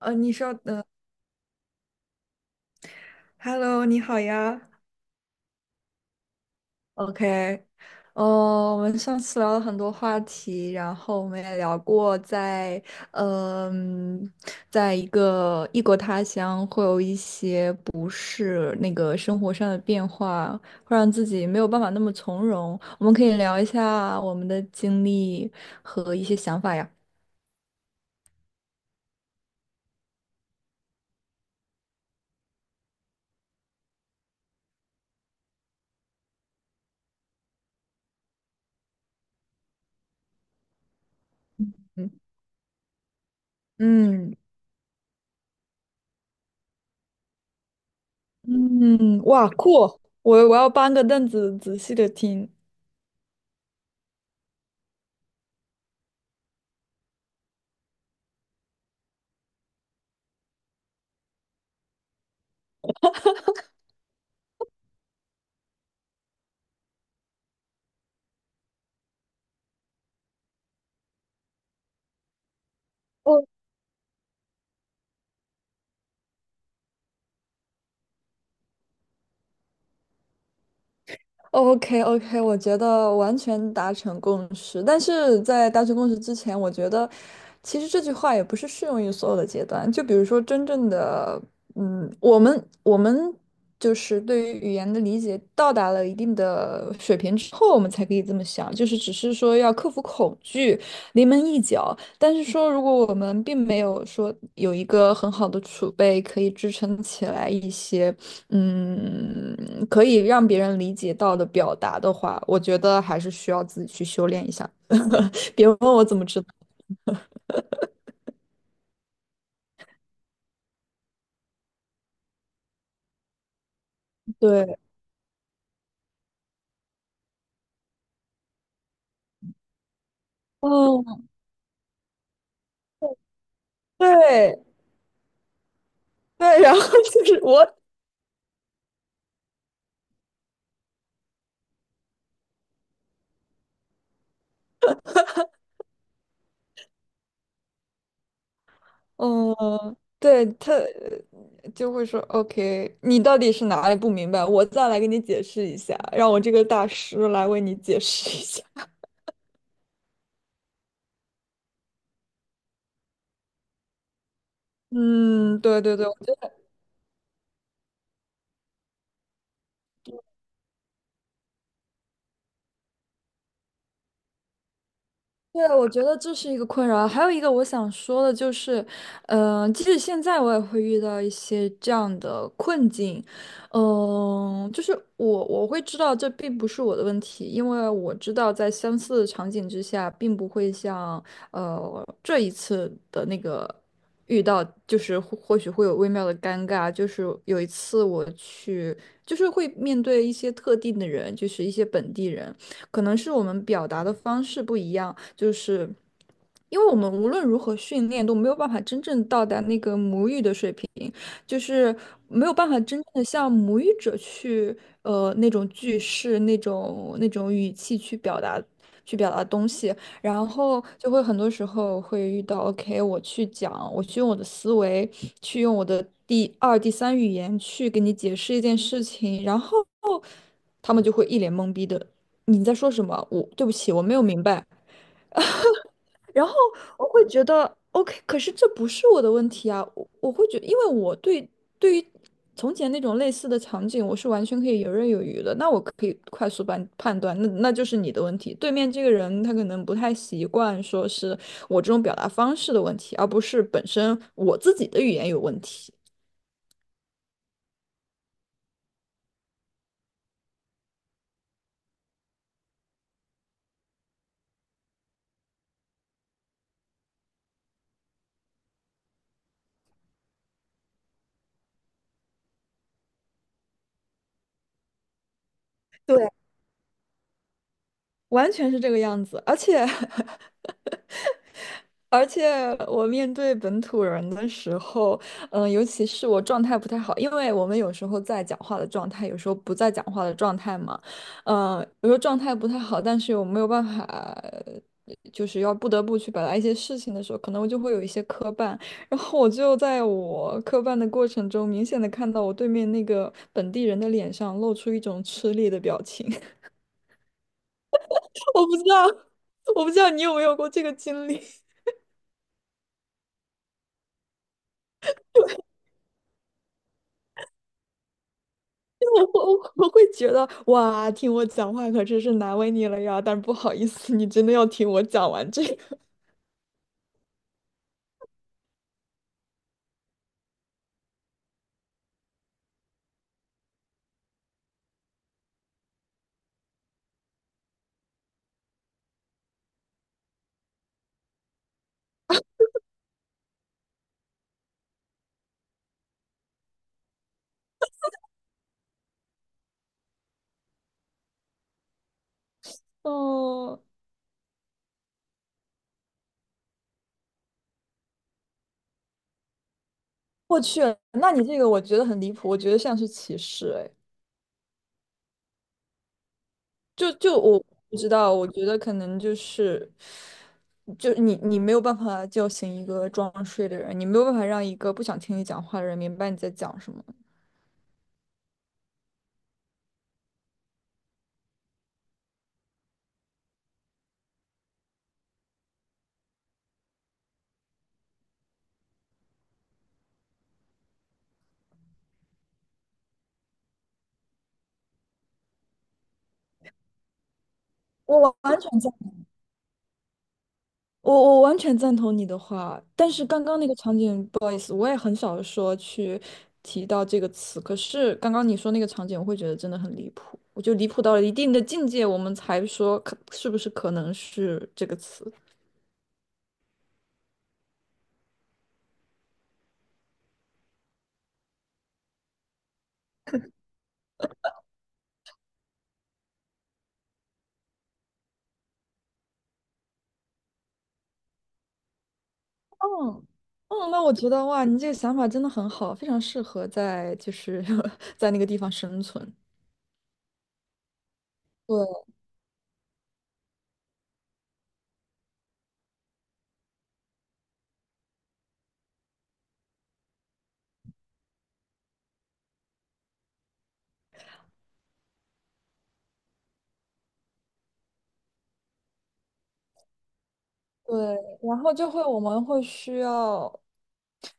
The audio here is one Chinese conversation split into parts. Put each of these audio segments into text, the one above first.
你稍等，Hello，你好呀，OK，哦，我们上次聊了很多话题，然后我们也聊过在，嗯、在一个异国他乡会有一些不适，那个生活上的变化，会让自己没有办法那么从容。我们可以聊一下我们的经历和一些想法呀。嗯嗯嗯，哇，酷！我要搬个凳子仔细的听。哦。OK OK，我觉得完全达成共识。但是在达成共识之前，我觉得其实这句话也不是适用于所有的阶段。就比如说，真正的，我们就是对于语言的理解到达了一定的水平之后，我们才可以这么想。就是只是说要克服恐惧，临门一脚。但是说，如果我们并没有说有一个很好的储备，可以支撑起来一些，嗯，可以让别人理解到的表达的话，我觉得还是需要自己去修炼一下。别问我怎么知道，对，嗯，对对，然后就是我，嗯，对他就会说，OK，你到底是哪里不明白？我再来给你解释一下，让我这个大师来为你解释一下。嗯，对对对，对，我觉得这是一个困扰。还有一个我想说的就是，即使现在我也会遇到一些这样的困境，就是我会知道这并不是我的问题，因为我知道在相似的场景之下，并不会像这一次的那个遇到，就是或许会有微妙的尴尬。就是有一次我去，就是会面对一些特定的人，就是一些本地人。可能是我们表达的方式不一样，就是因为我们无论如何训练都没有办法真正到达那个母语的水平，就是没有办法真正的像母语者去那种句式、那种语气去表达。去表达东西，然后就会很多时候会遇到，OK，我去讲，我去用我的思维，去用我的第二、第三语言去给你解释一件事情，然后他们就会一脸懵逼的，你在说什么？我对不起，我没有明白。然后我会觉得 OK，可是这不是我的问题啊。我会觉因为我对对于从前那种类似的场景，我是完全可以游刃有余的。那我可以快速判断，那就是你的问题。对面这个人他可能不太习惯，说是我这种表达方式的问题，而不是本身我自己的语言有问题。对，完全是这个样子，而且 而且我面对本土人的时候，尤其是我状态不太好，因为我们有时候在讲话的状态，有时候不在讲话的状态嘛，有时候状态不太好，但是我没有办法，就是要不得不去表达一些事情的时候，可能我就会有一些磕绊，然后我就在我磕绊的过程中，明显的看到我对面那个本地人的脸上露出一种吃力的表情，我不知道，我不知道你有没有过这个经历。我会觉得哇，听我讲话可真是难为你了呀！但是不好意思，你真的要听我讲完这个。哦，我去，那你这个我觉得很离谱，我觉得像是歧视。哎，就我不知道，我觉得可能就是，就你没有办法叫醒一个装睡的人，你没有办法让一个不想听你讲话的人明白你在讲什么。我完全。我完全赞同你的话，但是刚刚那个场景，不好意思，我也很少说去提到这个词。可是刚刚你说那个场景，我会觉得真的很离谱，我就离谱到了一定的境界，我们才说可是不是可能是这个词。嗯嗯，那我觉得哇，你这个想法真的很好，非常适合在就是 在那个地方生存。对。对，然后就会我们会需要，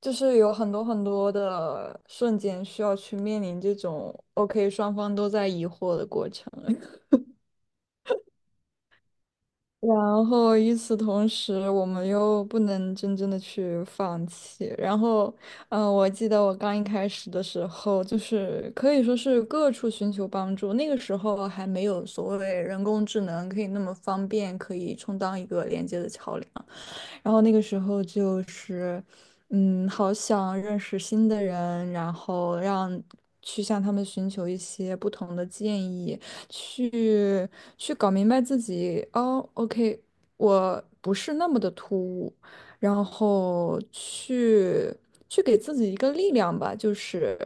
就是有很多很多的瞬间需要去面临这种 OK 双方都在疑惑的过程，然后与此同时，我们又不能真正的去放弃。然后，我记得我刚一开始的时候，就是可以说是各处寻求帮助，那个时候还没有所谓人工智能可以那么方便，可以充当一个连接的桥梁。然后那个时候就是，嗯，好想认识新的人，然后让去向他们寻求一些不同的建议，去去搞明白自己，哦，OK，我不是那么的突兀，然后去给自己一个力量吧，就是。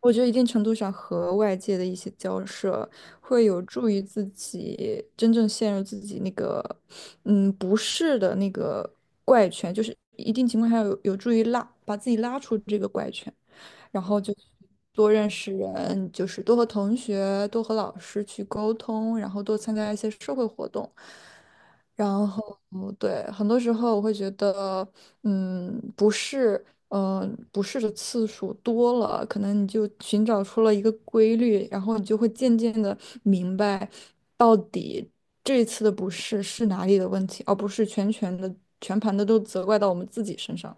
我觉得一定程度上和外界的一些交涉，会有助于自己真正陷入自己那个，嗯，不适的那个怪圈，就是一定情况下有助于拉把自己拉出这个怪圈，然后就多认识人，就是多和同学、多和老师去沟通，然后多参加一些社会活动，然后，对，很多时候我会觉得，嗯，不是，不是的次数多了，可能你就寻找出了一个规律，然后你就会渐渐的明白，到底这一次的不适是哪里的问题，而不是全盘的都责怪到我们自己身上。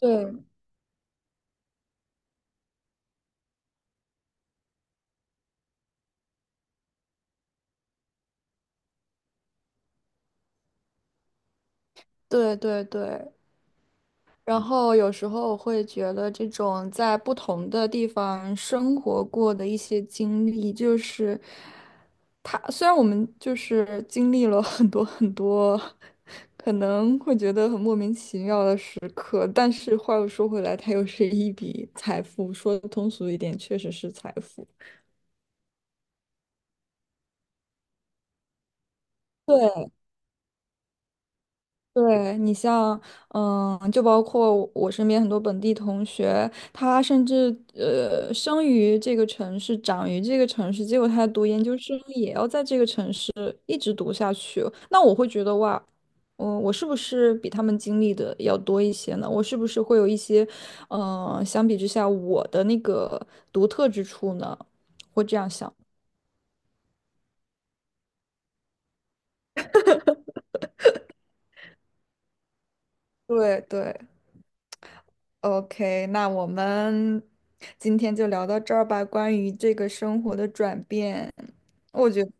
对对对对，然后有时候我会觉得这种在不同的地方生活过的一些经历，就是。他虽然我们就是经历了很多很多，可能会觉得很莫名其妙的时刻，但是话又说回来，它又是一笔财富，说通俗一点，确实是财富。对，对你像，就包括我身边很多本地同学，他甚至生于这个城市，长于这个城市，结果他读研究生也要在这个城市一直读下去哦。那我会觉得哇，嗯，我是不是比他们经历的要多一些呢？我是不是会有一些，嗯，相比之下我的那个独特之处呢？会这样想。对对。OK，那我们今天就聊到这儿吧。关于这个生活的转变，我觉得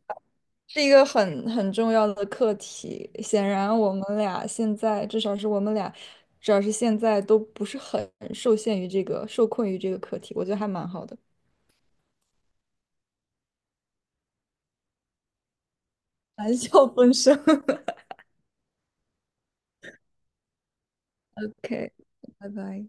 是一个很重要的课题。显然，我们俩现在至少是我们俩，至少是现在都不是很受限于这个，受困于这个课题。我觉得还蛮好的，谈笑风生。OK，拜拜。